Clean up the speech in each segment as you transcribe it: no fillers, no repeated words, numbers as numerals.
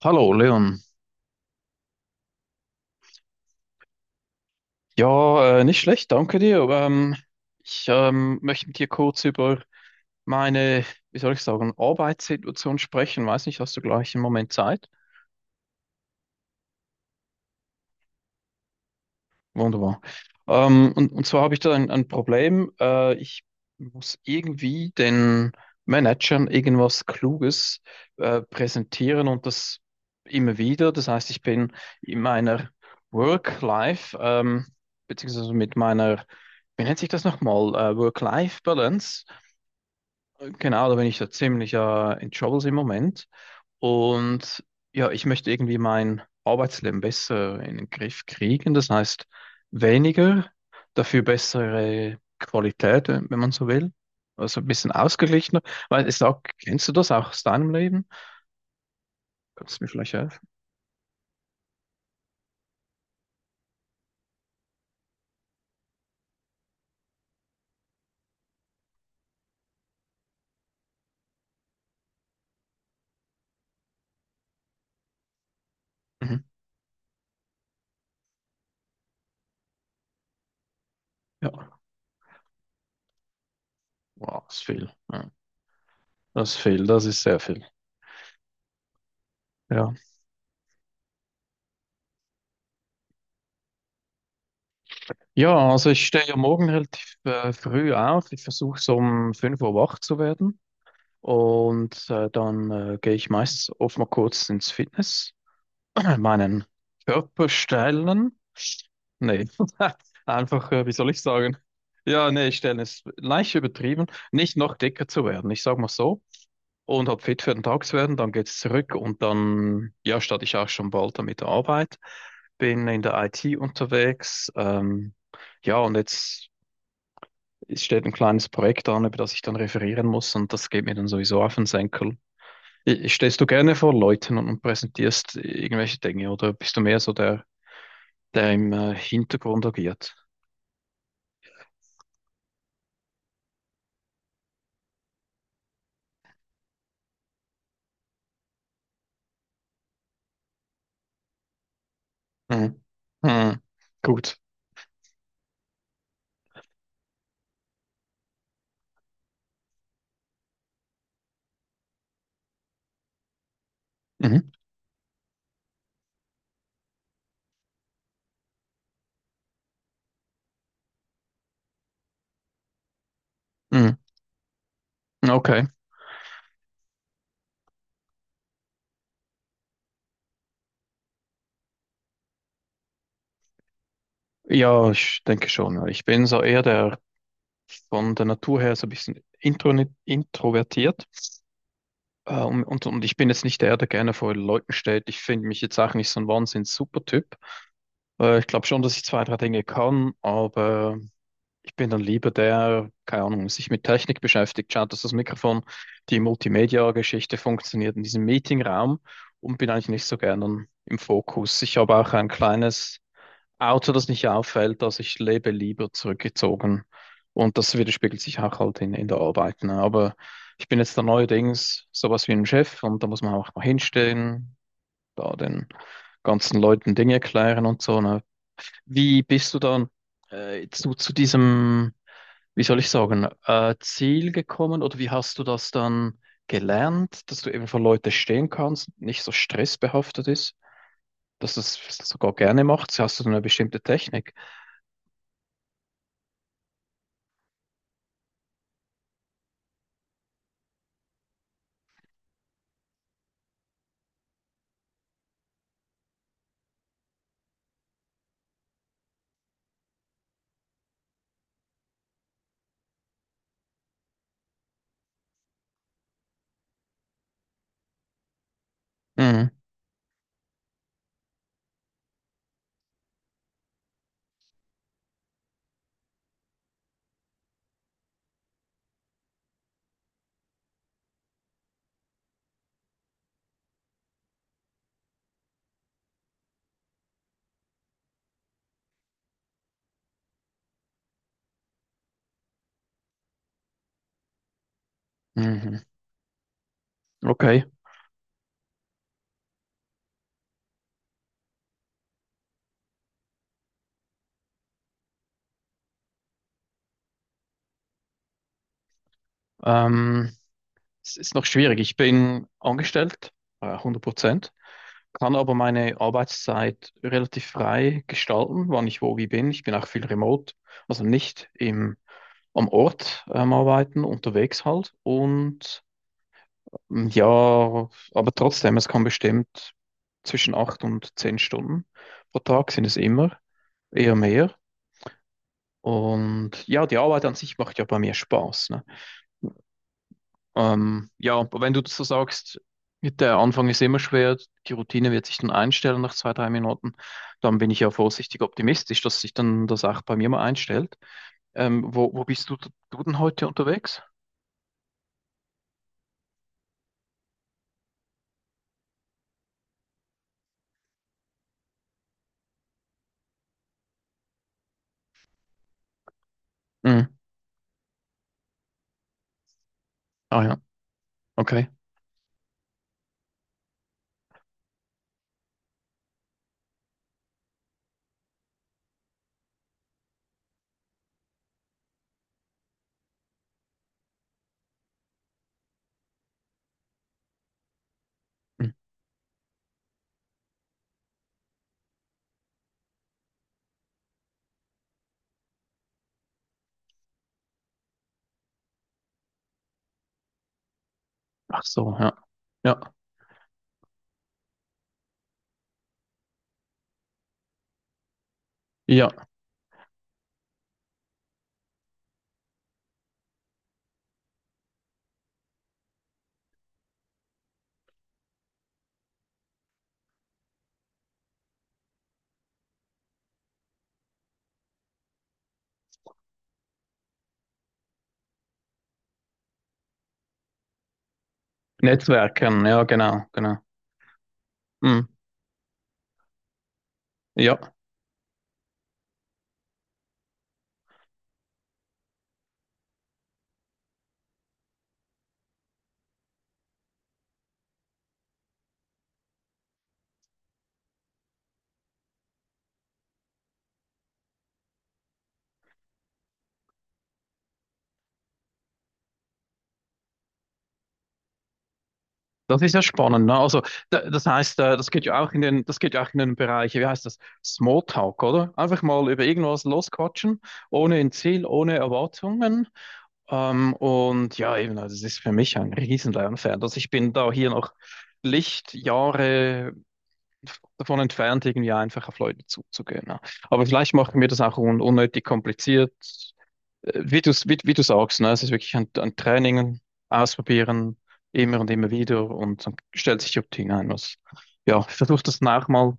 Hallo Leon. Ja, nicht schlecht, danke dir. Ich möchte mit dir kurz über meine, wie soll ich sagen, Arbeitssituation sprechen. Weiß nicht, hast du gleich einen Moment Zeit? Wunderbar. Und zwar habe ich da ein Problem. Ich muss irgendwie den Managern irgendwas Kluges präsentieren, und das immer wieder. Das heißt, ich bin in meiner Work-Life, beziehungsweise mit meiner, wie nennt sich das nochmal? Work-Life-Balance. Genau, da bin ich da ziemlich in Troubles im Moment. Und ja, ich möchte irgendwie mein Arbeitsleben besser in den Griff kriegen. Das heißt, weniger, dafür bessere Qualität, wenn man so will. Also ein bisschen ausgeglichener. Weil ich sag, kennst du das auch aus deinem Leben? Kannst du mir vielleicht helfen? Mhm. Ja, wow, das ist viel. Ja. Das ist viel, das ist sehr viel. Ja. Ja, also ich stehe ja morgen relativ früh auf. Ich versuche so um 5 Uhr wach zu werden. Und dann gehe ich meistens oft mal kurz ins Fitness. Ja, meinen Körperstellen? Nee, einfach, wie soll ich sagen? Ja, nee, Stellen ist leicht übertrieben. Nicht noch dicker zu werden, ich sag mal so. Und hab fit für den Tag zu werden, dann geht's zurück und dann, ja, starte ich auch schon bald damit der Arbeit. Bin in der IT unterwegs. Ja, und jetzt, es steht ein kleines Projekt an, über das ich dann referieren muss, und das geht mir dann sowieso auf den Senkel. Stehst du gerne vor Leuten und präsentierst irgendwelche Dinge, oder bist du mehr so der im Hintergrund agiert? Mhm. Mhm. Gut. Mhm. Mhm. Okay. Ja, ich denke schon, ja. Ich bin so eher der, von der Natur her so ein bisschen introvertiert. Und ich bin jetzt nicht der, der gerne vor Leuten steht. Ich finde mich jetzt auch nicht so ein Wahnsinns-Supertyp. Ich glaube schon, dass ich zwei, drei Dinge kann, aber ich bin dann lieber der, keine Ahnung, sich mit Technik beschäftigt, schaut, dass das Mikrofon, die Multimedia-Geschichte funktioniert in diesem Meetingraum, und bin eigentlich nicht so gern dann im Fokus. Ich habe auch ein kleines Auto, das nicht auffällt, also ich lebe lieber zurückgezogen, und das widerspiegelt sich auch halt in, der Arbeit. Ne? Aber ich bin jetzt da neuerdings sowas wie ein Chef, und da muss man auch mal hinstehen, da den ganzen Leuten Dinge erklären und so. Ne? Wie bist du dann jetzt so zu diesem, wie soll ich sagen, Ziel gekommen, oder wie hast du das dann gelernt, dass du eben für Leute stehen kannst, nicht so stressbehaftet ist, dass du es sogar gerne machst? Hast du dann eine bestimmte Technik? Mhm. Mhm. Okay. Ähm, Es ist noch schwierig. Ich bin angestellt, 100%. Kann aber meine Arbeitszeit relativ frei gestalten, wann ich wo wie bin. Ich bin auch viel remote, also nicht am Ort arbeiten, unterwegs halt. Und ja, aber trotzdem, es kann bestimmt zwischen 8 und 10 Stunden pro Tag sind es immer, eher mehr. Und ja, die Arbeit an sich macht ja bei mir Spaß, ne? Ja, aber wenn du das so sagst, der Anfang ist immer schwer, die Routine wird sich dann einstellen nach 2, 3 Minuten, dann bin ich ja vorsichtig optimistisch, dass sich dann das auch bei mir mal einstellt. Wo bist du denn heute unterwegs? Mhm. Ah ja, okay. Mhm. Ach so, ja. Ja, ja. Netzwerken, ja, genau, genau. Mhm. Ja. Das ist ja spannend, ne? Also, das heißt, das geht ja auch in den, Bereich, wie heißt das? Smalltalk, oder? Einfach mal über irgendwas losquatschen, ohne ein Ziel, ohne Erwartungen. Und ja, eben, also das ist für mich ein riesen Lernfeld. Also ich bin da hier noch Lichtjahre davon entfernt, irgendwie einfach auf Leute zuzugehen. Ne? Aber vielleicht machen wir das auch un unnötig kompliziert, wie du sagst, ne? Es ist wirklich ein Training, ausprobieren, immer und immer wieder, und dann stellt sich die Routine ein. Was, ja, ich versuche das nach mal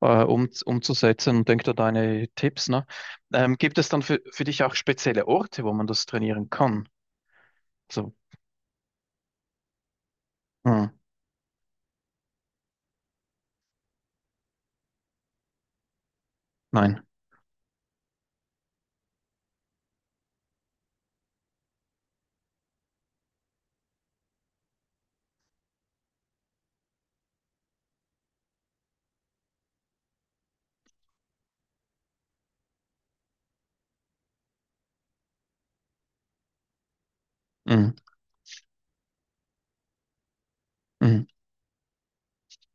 umzusetzen und denke da deine Tipps, ne? Gibt es dann für dich auch spezielle Orte, wo man das trainieren kann? So, hm, nein. Hm, hm.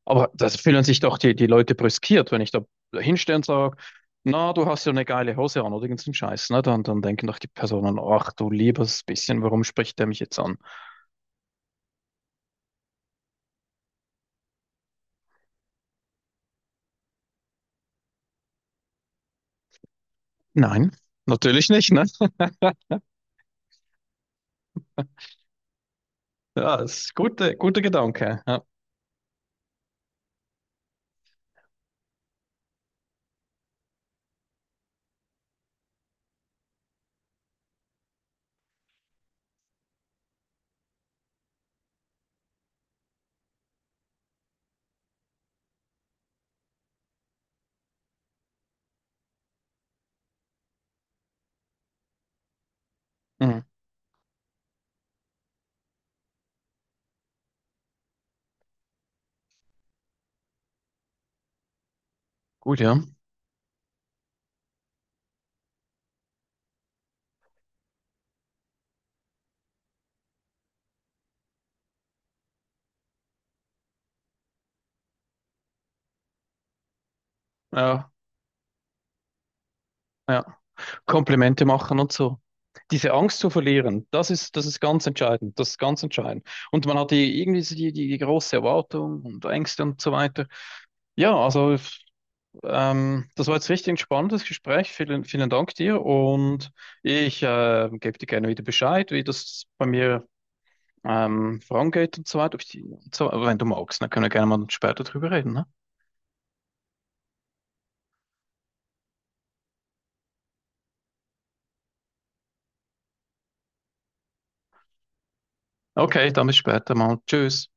Aber das fühlen sich doch die Leute brüskiert, wenn ich da hinstehe und sage, na, du hast ja eine geile Hose an, oder irgendeinen Scheiß, ne? Dann denken doch die Personen, ach du liebes bisschen, warum spricht der mich jetzt an? Nein, natürlich nicht, ne? Ja, das ist guter Gedanke. Ja. Mhm. Gut, ja. Ja, ja. Komplimente machen und so. Diese Angst zu verlieren, das ist ganz entscheidend. Das ist ganz entscheidend. Und man hat die, irgendwie so die, die, die große Erwartung und Ängste und so weiter. Ja, also das war jetzt richtig ein spannendes Gespräch. Vielen, vielen Dank dir. Und ich gebe dir gerne wieder Bescheid, wie das bei mir vorangeht und so weiter. Ob ich die, und so, wenn du magst, dann können wir gerne mal später drüber reden. Ne? Okay, dann bis später mal. Tschüss.